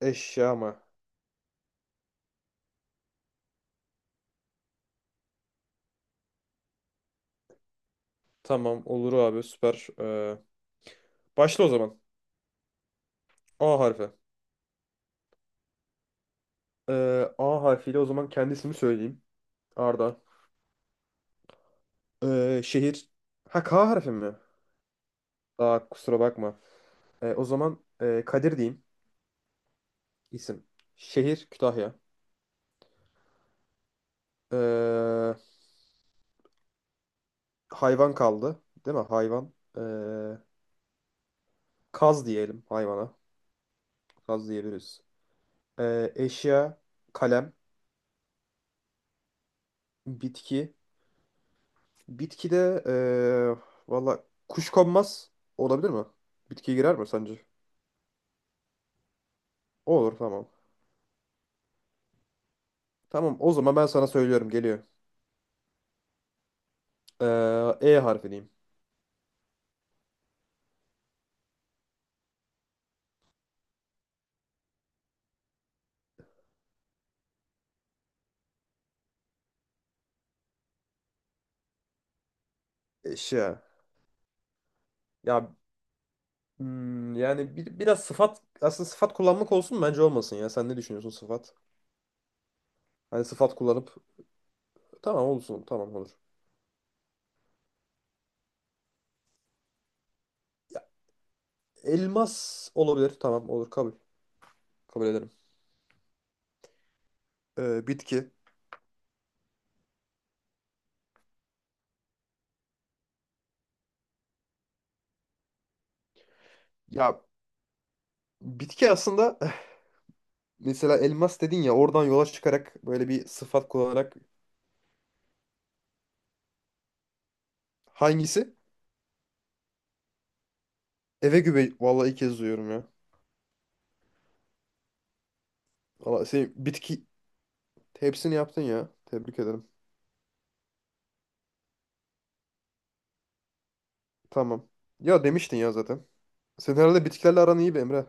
Eşya mı? Tamam olur abi süper. Başla o zaman. A harfi. A harfiyle o zaman kendisini söyleyeyim. Arda. Şehir. Ha K harfi mi? Aa kusura bakma. O zaman Kadir diyeyim. İsim. Şehir Kütahya. Ee, Hayvan kaldı. Değil mi? Hayvan. Ee, Kaz diyelim hayvana. Kaz diyebiliriz. Eşya. Kalem. Bitki. Bitkide valla kuşkonmaz olabilir mi? Bitkiye girer mi sence? Olur, tamam. Tamam, o zaman ben sana söylüyorum geliyor. E harfi diyeyim. Eşya. Ya, yani biraz sıfat, aslında sıfat kullanmak olsun mu? Bence olmasın ya. Sen ne düşünüyorsun sıfat? Hani sıfat kullanıp tamam olsun, tamam olur. Ya, elmas olabilir, tamam olur, kabul. Kabul ederim. Bitki. Ya, bitki aslında Mesela elmas dedin ya, oradan yola çıkarak böyle bir sıfat kullanarak. Hangisi? Eve güve. Vallahi ilk kez duyuyorum ya. Vallahi sen bitki hepsini yaptın ya. Tebrik ederim. Tamam. Ya, demiştin ya zaten. Senin herhalde bitkilerle aran iyi be Emre.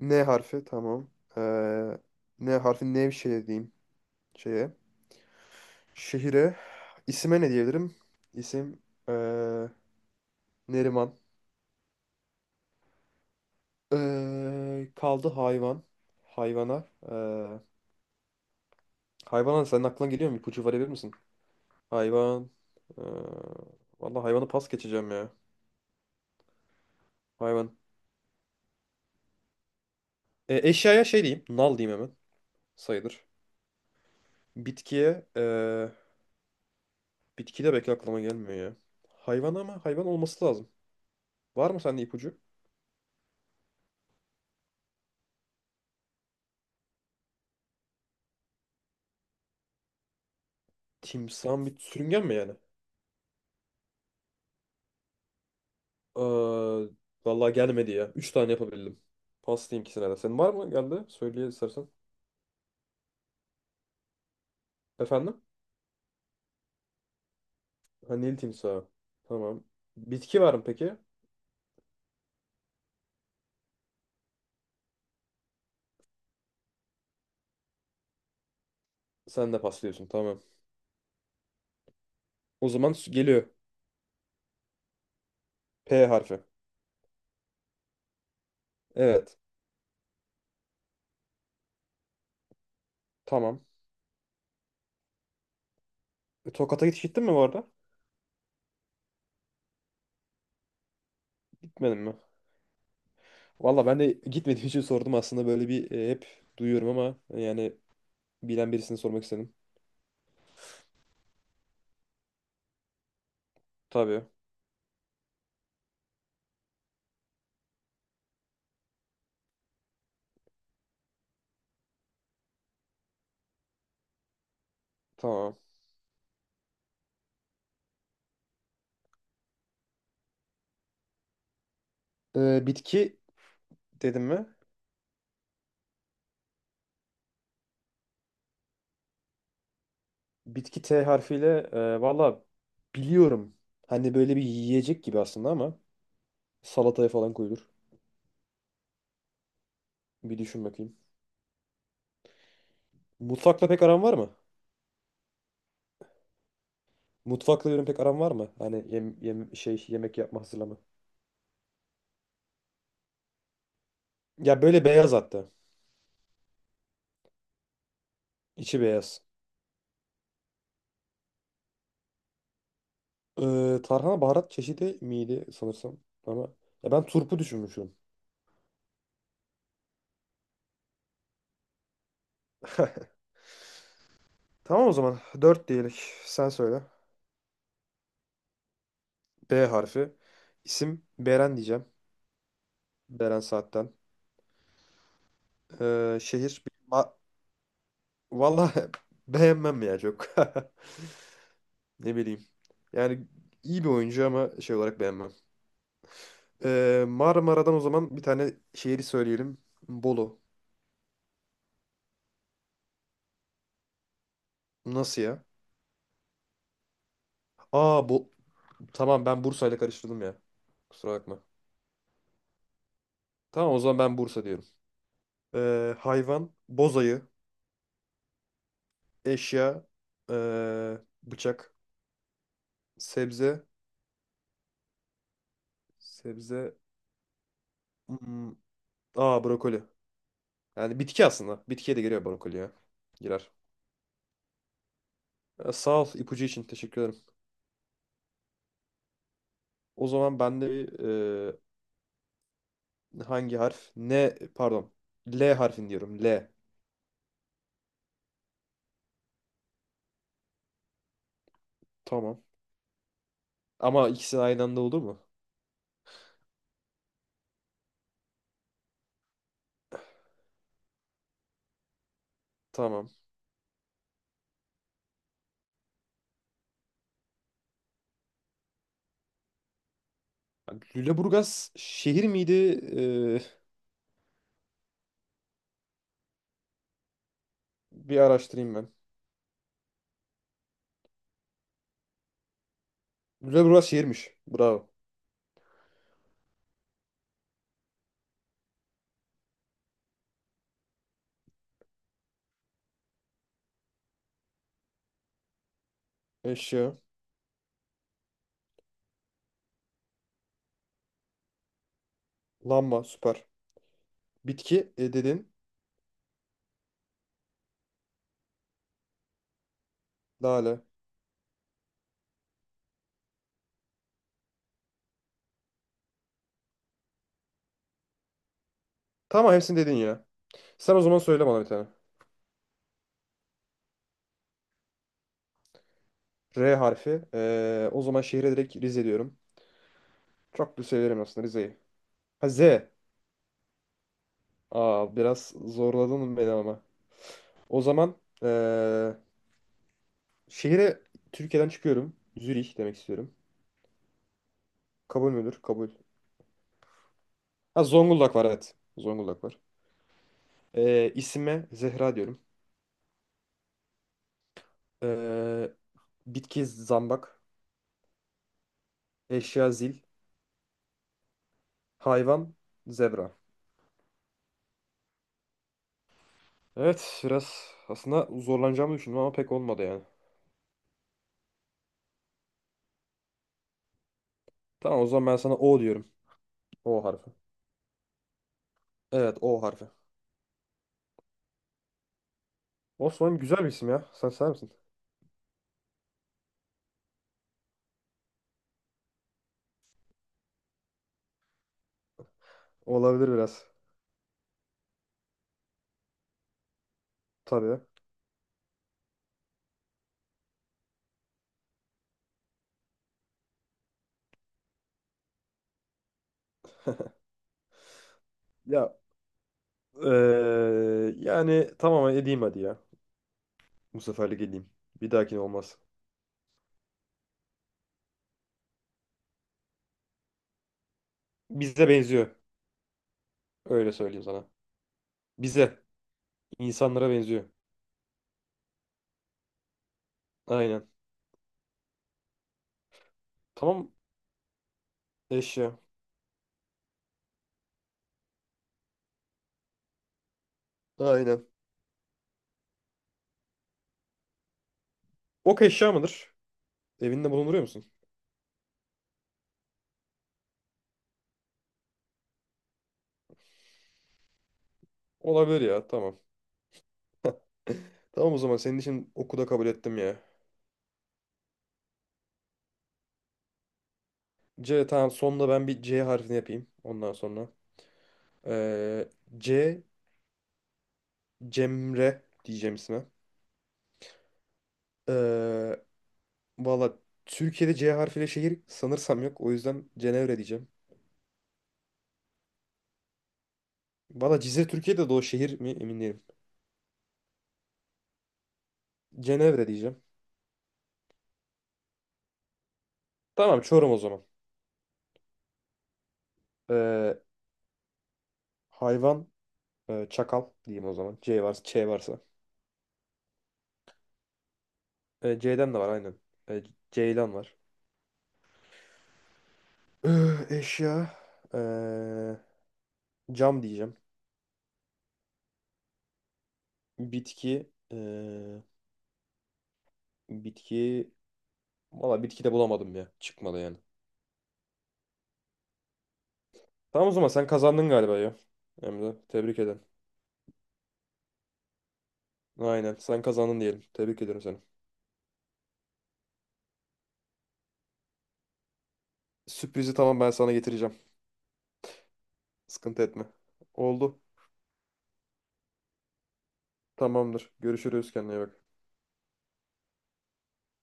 N harfi tamam. Ee, N harfi Nevşehir diyeyim şeye. Şehire. İsime ne diyebilirim? İsim, ee, Neriman. Kaldı hayvan. Hayvana. Hayvana senin aklına geliyor mu? İpucu verebilir misin? Hayvan. Ee, Vallahi hayvanı pas geçeceğim ya. Hayvan. E, eşyaya şey diyeyim. Nal diyeyim hemen. Sayılır. Bitkiye bitki de belki aklıma gelmiyor ya. Hayvan, ama hayvan olması lazım. Var mı sende ipucu? Timsah bir sürüngen mi yani? Ee, Vallahi gelmedi ya. Üç tane yapabildim. Pas diyeyim ikisine de. Senin var mı, geldi? Söyle istersen. Efendim? Ha, Nil timsahı. Tamam. Bitki var mı peki? Sen de pas diyorsun. Tamam. O zaman geliyor. P harfi. Evet. Tamam. E, Tokat'a hiç gittin mi bu arada? Gitmedin mi? Valla ben de gitmediğim için sordum aslında, böyle bir hep duyuyorum ama yani bilen birisini sormak istedim. Tabii. Tamam. Bitki dedim mi? Bitki T harfiyle, valla biliyorum. Hani böyle bir yiyecek gibi aslında ama salataya falan koyulur. Bir düşün bakayım. Mutfakla pek aran var mı? Mutfakla yorum pek aran var mı? Hani şey, yemek yapma, hazırlama. Ya, böyle beyaz hatta. İçi beyaz. Tarhana baharat çeşidi miydi sanırsam, ama ya ben turpu düşünmüşüm. Tamam o zaman. Dört diyelim. Sen söyle. B harfi. İsim Beren diyeceğim. Beren Saat'ten. Şehir. Ma- Vallahi beğenmem ya çok. Ne bileyim. Yani iyi bir oyuncu ama şey olarak beğenmem. Marmara'dan o zaman bir tane şehri söyleyelim. Bolu. Nasıl ya? Aa, bu, tamam, ben Bursa'yla karıştırdım ya. Kusura bakma. Tamam o zaman ben Bursa diyorum. Hayvan, bozayı, eşya, bıçak, sebze. Sebze. Hmm. Aa, brokoli. Yani bitki aslında. Bitkiye de giriyor brokoli ya. Girer. Sağ ol, ipucu için teşekkür ederim. O zaman ben de bir hangi harf? Ne, pardon. L harfini diyorum. L. Tamam. Ama ikisi aynı anda olur mu? Tamam. Lüleburgaz şehir miydi? Ee, Bir araştırayım ben. Lüleburgaz şehirmiş. Bravo. Eşya. Lamba. Süper. Bitki, dedin. Lale. Tamam, hepsini dedin ya. Sen o zaman söyle bana bir tane. R harfi. O zaman şehre direkt Rize diyorum. Çok da severim aslında Rize'yi. Ha, Z. Aa, biraz zorladın beni ama. O zaman ee, şehre Türkiye'den çıkıyorum. Zürih demek istiyorum. Kabul müdür? Kabul. Ha, Zonguldak var, evet. Zonguldak var. İsime Zehra diyorum. Ee, Bitki zambak. Eşya zil. Hayvan zebra. Evet, biraz aslında zorlanacağımı düşündüm ama pek olmadı yani. Tamam o zaman ben sana O diyorum. O harfi. Evet, O harfi. Osman güzel bir isim ya. Sen sever misin? Olabilir biraz. Tabii. Ya, yani tamam, edeyim hadi ya. Bu seferlik edeyim. Bir dahakine olmaz. Bize benziyor. Öyle söyleyeyim sana. Bize. İnsanlara benziyor. Aynen. Tamam. Eşya. Aynen. Ok eşya mıdır? Evinde bulunduruyor musun? Olabilir ya. Tamam. Tamam o zaman, senin için oku da kabul ettim ya. C, tamam, sonunda ben bir C harfini yapayım. Ondan sonra. Eee, C Cemre diyeceğim isme. Eee, Valla Türkiye'de C harfiyle şehir sanırsam yok. O yüzden Cenevre diyeceğim. Valla Cizre Türkiye'de de, o şehir mi emin değilim. Cenevre diyeceğim. Tamam, Çorum o zaman. Ee, Hayvan, çakal diyeyim o zaman. C varsa, Ç varsa. C'den de var aynen. Ee, Ceylan var. Eşya, ee, cam diyeceğim. Bitki, bitki valla bitki de bulamadım ya. Çıkmadı yani. Tamam o zaman sen kazandın galiba ya. Emre, tebrik ederim. Aynen, sen kazandın diyelim. Tebrik ederim seni. Sürprizi tamam, ben sana getireceğim. Sıkıntı etme. Oldu. Tamamdır. Görüşürüz. Kendine iyi bak.